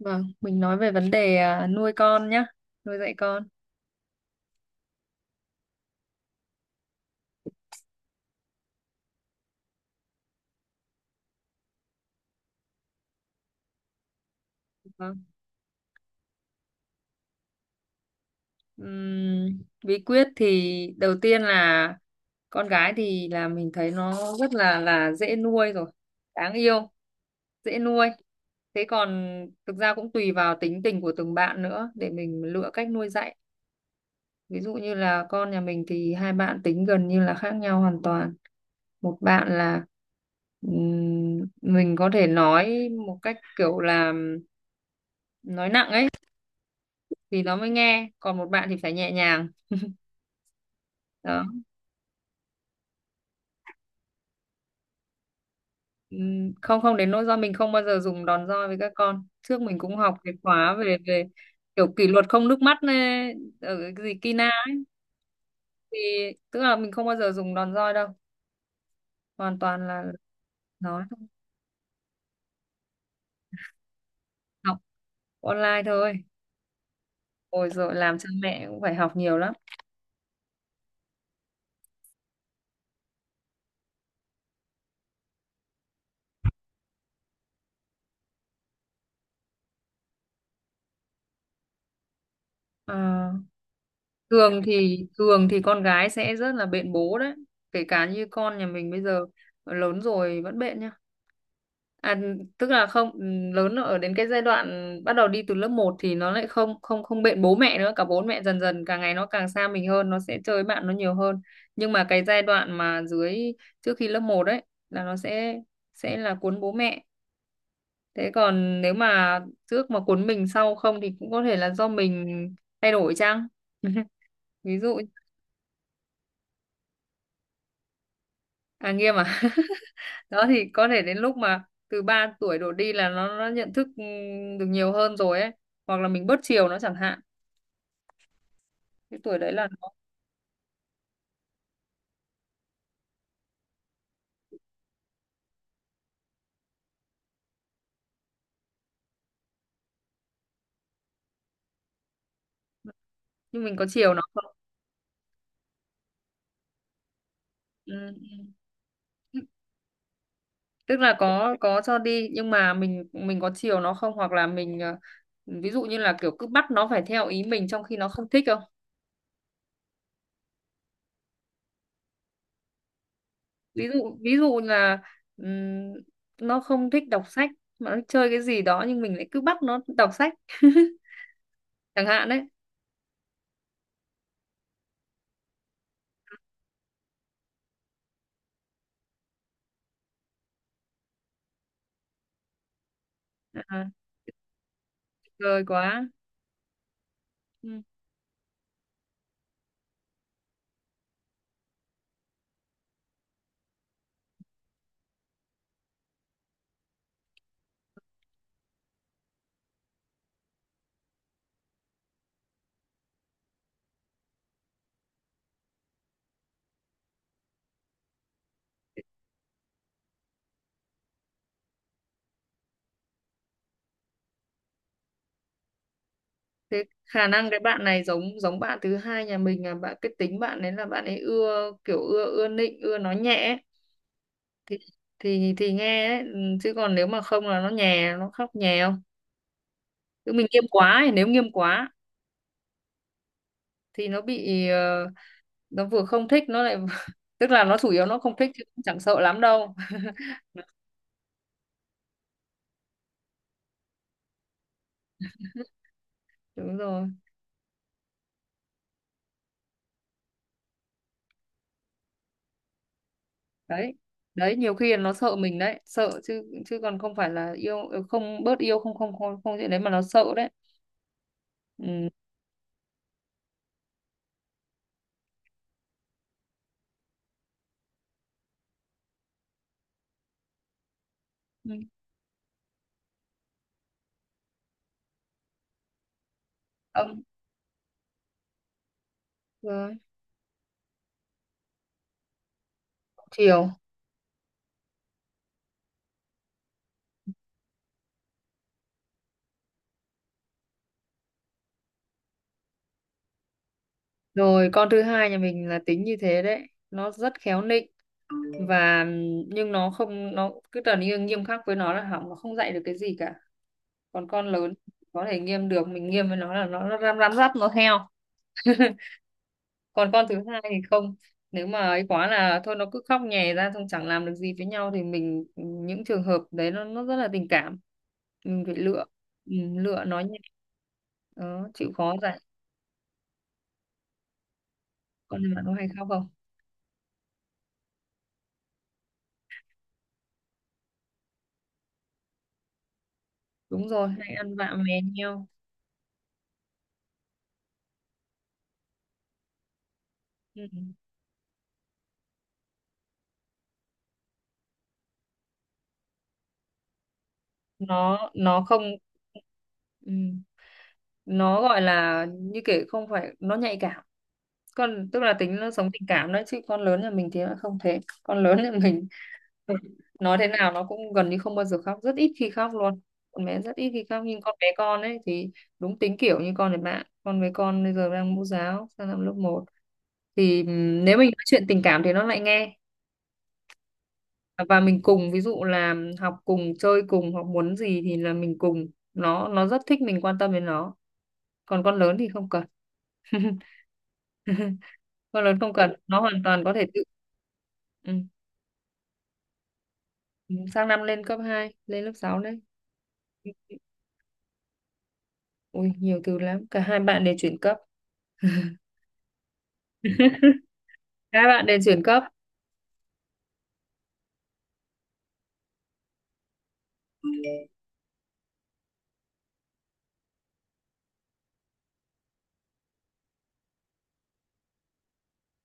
Vâng, mình nói về vấn đề à, nuôi con nhá, nuôi dạy con. Vâng. Ừm, Bí quyết thì đầu tiên là con gái thì là mình thấy nó rất là dễ nuôi rồi, đáng yêu, dễ nuôi. Thế còn thực ra cũng tùy vào tính tình của từng bạn nữa để mình lựa cách nuôi dạy. Ví dụ như là con nhà mình thì hai bạn tính gần như là khác nhau hoàn toàn. Một bạn là mình có thể nói một cách kiểu là nói nặng ấy thì nó mới nghe, còn một bạn thì phải nhẹ nhàng đó. Không không đến nỗi, do mình không bao giờ dùng đòn roi với các con. Trước mình cũng học cái khóa về về kiểu kỷ luật không nước mắt này, ở cái gì Kina, thì tức là mình không bao giờ dùng đòn roi đâu, hoàn toàn là nói thôi, học online thôi. Ôi rồi, làm cha mẹ cũng phải học nhiều lắm. Ờ, thường thì con gái sẽ rất là bện bố đấy, kể cả như con nhà mình bây giờ lớn rồi vẫn bện nhá. À, tức là không, lớn ở đến cái giai đoạn bắt đầu đi từ lớp một thì nó lại không không không bện bố mẹ nữa, cả bố mẹ dần dần, càng ngày nó càng xa mình hơn, nó sẽ chơi với bạn nó nhiều hơn. Nhưng mà cái giai đoạn mà dưới, trước khi lớp một đấy, là nó sẽ là cuốn bố mẹ. Thế còn nếu mà trước mà cuốn mình sau không thì cũng có thể là do mình thay đổi chăng. Ví dụ, à nghiêm à. Đó, thì có thể đến lúc mà từ 3 tuổi đổ đi là nó nhận thức, được nhiều hơn rồi ấy, hoặc là mình bớt chiều nó chẳng hạn, cái tuổi đấy là nó. Nhưng mình có chiều nó không. Ừ. Ừ. Tức là có cho đi nhưng mà mình có chiều nó không, hoặc là mình ví dụ như là kiểu cứ bắt nó phải theo ý mình trong khi nó không thích không. Ví dụ là, ừm, nó không thích đọc sách mà nó chơi cái gì đó nhưng mình lại cứ bắt nó đọc sách. Chẳng hạn đấy. À, rồi quá. Ừ. Thế khả năng cái bạn này giống giống bạn thứ hai nhà mình, là bạn cái tính bạn ấy là bạn ấy ưa kiểu, ưa ưa nịnh, ưa nói nhẹ ấy, thì thì nghe đấy. Ừ, chứ còn nếu mà không là nó nhè, nó khóc nhè không. Chứ mình nghiêm quá, thì nếu nghiêm quá thì nó bị, nó vừa không thích nó lại tức là nó chủ yếu nó không thích chứ cũng chẳng sợ lắm đâu. Đúng rồi. Đấy, đấy nhiều khi là nó sợ mình đấy, sợ chứ chứ còn không phải là yêu không bớt yêu, không không không không chuyện đấy mà nó sợ đấy. Ừ. Ừ. Ông rồi, chiều rồi, con thứ hai nhà mình là tính như thế đấy, nó rất khéo nịnh, và nhưng nó không, nó cứ trở nên nghiêm khắc với nó là hỏng, nó không dạy được cái gì cả. Còn con lớn có thể nghiêm được, mình nghiêm với nó là nó răm răm rắp nó theo. Còn con thứ hai thì không, nếu mà ấy quá là thôi nó cứ khóc nhè ra xong chẳng làm được gì với nhau, thì mình những trường hợp đấy, nó rất là tình cảm, mình phải lựa. Ừ, lựa nó nhẹ đó, chịu khó dạy. Con này bạn có hay khóc không? Đúng rồi, hay ăn vạ mè nheo. Ừ. nó không. Ừ. Nó gọi là như kiểu, không phải nó nhạy cảm, con tức là tính nó sống tình cảm đấy, chứ con lớn nhà mình thì nó không thế. Con lớn nhà mình nói thế nào nó cũng gần như không bao giờ khóc, rất ít khi khóc luôn. Con bé rất ít khi khóc, nhưng con bé con ấy thì đúng tính kiểu như con này bạn. Con bé con bây giờ đang mẫu giáo, sang năm lớp một, thì nếu mình nói chuyện tình cảm thì nó lại nghe, và mình cùng, ví dụ là học cùng, chơi cùng, hoặc muốn gì thì là mình cùng, nó rất thích mình quan tâm đến nó. Còn con lớn thì không cần. Con lớn không cần, nó hoàn toàn có thể tự. Ừ. Ừ, sang năm lên cấp hai, lên lớp 6 đấy. Ui, nhiều từ lắm, cả hai bạn đều chuyển cấp. Các bạn đều chuyển cấp.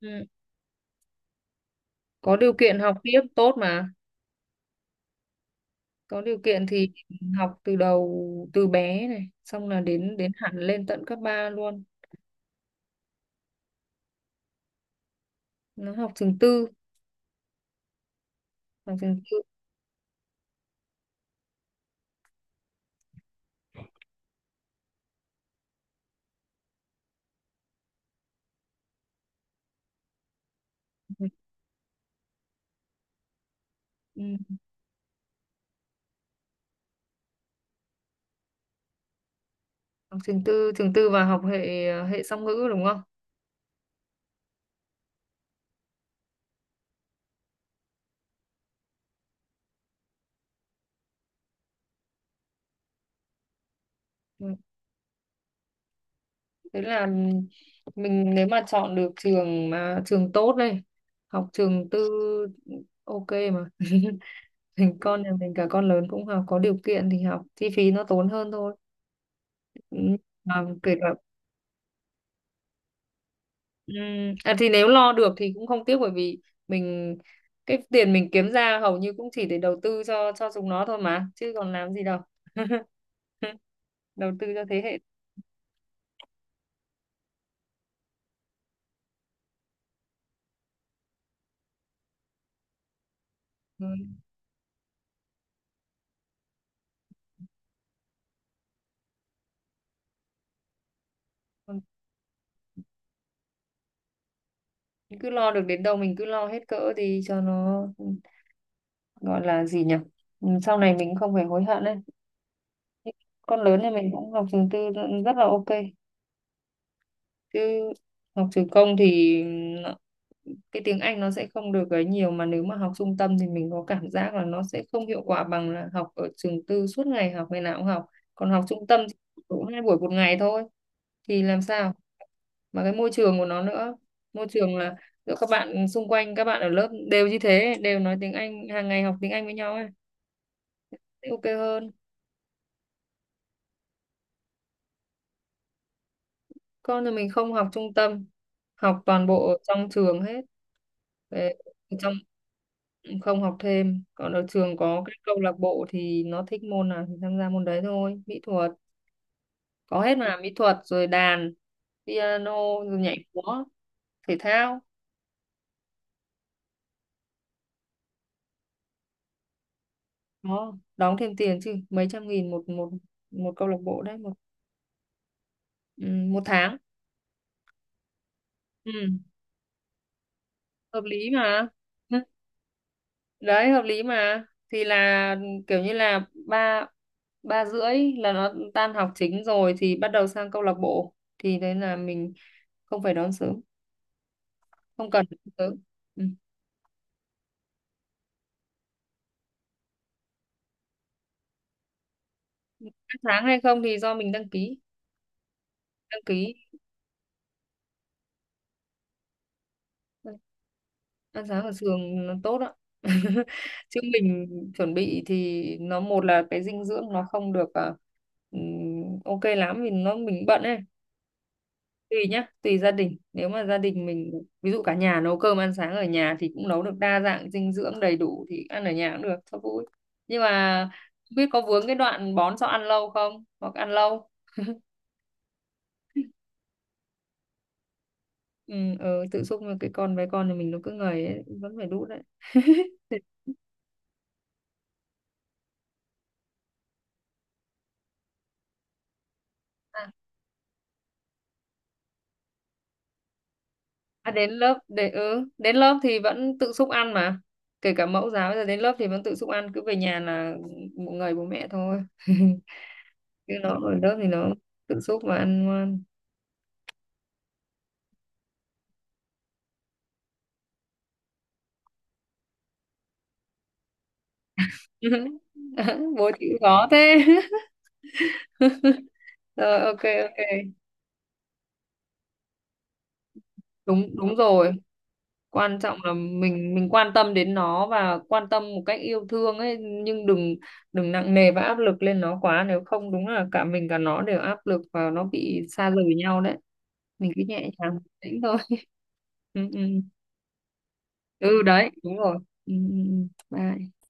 Ừ, có điều kiện học tiếp tốt mà, có điều kiện thì học từ đầu, từ bé này, xong là đến đến hẳn lên tận cấp 3 luôn. Nó học trường tư, học trường tư. Ừ. Ừ, học trường tư, trường tư và học hệ hệ song ngữ đúng không. Ừ. Thế là mình nếu mà chọn được trường mà trường tốt đây, học trường tư ok mà. Mình con nhà mình cả con lớn cũng học, có điều kiện thì học, chi phí nó tốn hơn thôi. Ừ. Mà kể cả, à, thì nếu lo được thì cũng không tiếc, bởi vì mình cái tiền mình kiếm ra hầu như cũng chỉ để đầu tư cho chúng nó thôi mà, chứ còn làm gì đâu. Đầu tư cho thế hệ. Ừ. Còn cứ lo được đến đâu mình cứ lo hết cỡ thì cho nó. Ừ, gọi là gì nhỉ, ừ, sau này mình không phải hối hận đấy. Con lớn thì mình cũng học trường tư, rất là ok. Chứ học trường công thì nó- cái tiếng Anh nó sẽ không được ấy nhiều, mà nếu mà học trung tâm thì mình có cảm giác là nó sẽ không hiệu quả bằng là học ở trường tư, suốt ngày học, ngày nào cũng học. Còn học trung tâm thì cũng hai buổi một ngày thôi, thì làm sao. Mà cái môi trường của nó nữa, môi trường là giữa các bạn xung quanh, các bạn ở lớp đều như thế, đều nói tiếng Anh hàng ngày, học tiếng Anh với nhau ấy, sẽ ok hơn. Con nhà mình không học trung tâm, học toàn bộ ở trong trường hết. Về ở trong, không học thêm. Còn ở trường có cái câu lạc bộ thì nó thích môn nào thì tham gia môn đấy thôi, mỹ thuật có hết mà, mỹ thuật rồi đàn piano rồi nhảy múa, thể thao. Nó đóng thêm tiền chứ, mấy trăm nghìn một, một câu lạc bộ đấy, một, ừ, một tháng. Ừ, hợp lý mà. Đấy, hợp lý mà. Thì là kiểu như là ba, ba rưỡi là nó tan học chính rồi thì bắt đầu sang câu lạc bộ, thì đấy là mình không phải đón sớm, không cần đón sớm. Ừ. Ăn sáng hay không thì do mình đăng ký Ăn sáng ở trường nó tốt ạ. Chứ mình chuẩn bị thì nó, một là cái dinh dưỡng nó không được à, ừm, ok lắm vì nó mình bận ấy. Tùy nhá, tùy gia đình, nếu mà gia đình mình ví dụ cả nhà nấu cơm ăn sáng ở nhà thì cũng nấu được đa dạng dinh dưỡng đầy đủ thì ăn ở nhà cũng được cho vui. Nhưng mà không biết có vướng cái đoạn bón cho ăn lâu không, hoặc ăn lâu. Ừ, ừ tự xúc mà, cái con bé con thì mình nó cứ ngầy ấy, vẫn phải đút đấy. À, à, đến lớp thì vẫn tự xúc ăn mà, kể cả mẫu giáo bây giờ đến lớp thì vẫn tự xúc ăn, cứ về nhà là ngầy bố mẹ thôi. Chứ nó ở lớp thì nó tự xúc và ăn ngoan. Bố chữ khó thế. Rồi ok. Ok, đúng đúng rồi, quan trọng là mình quan tâm đến nó và quan tâm một cách yêu thương ấy, nhưng đừng đừng nặng nề và áp lực lên nó quá, nếu không đúng là cả mình cả nó đều áp lực và nó bị xa rời nhau đấy. Mình cứ nhẹ nhàng tĩnh thôi. Ừ, ừ. Ừ đấy đúng rồi, ừ, ừ, ừ. Bye.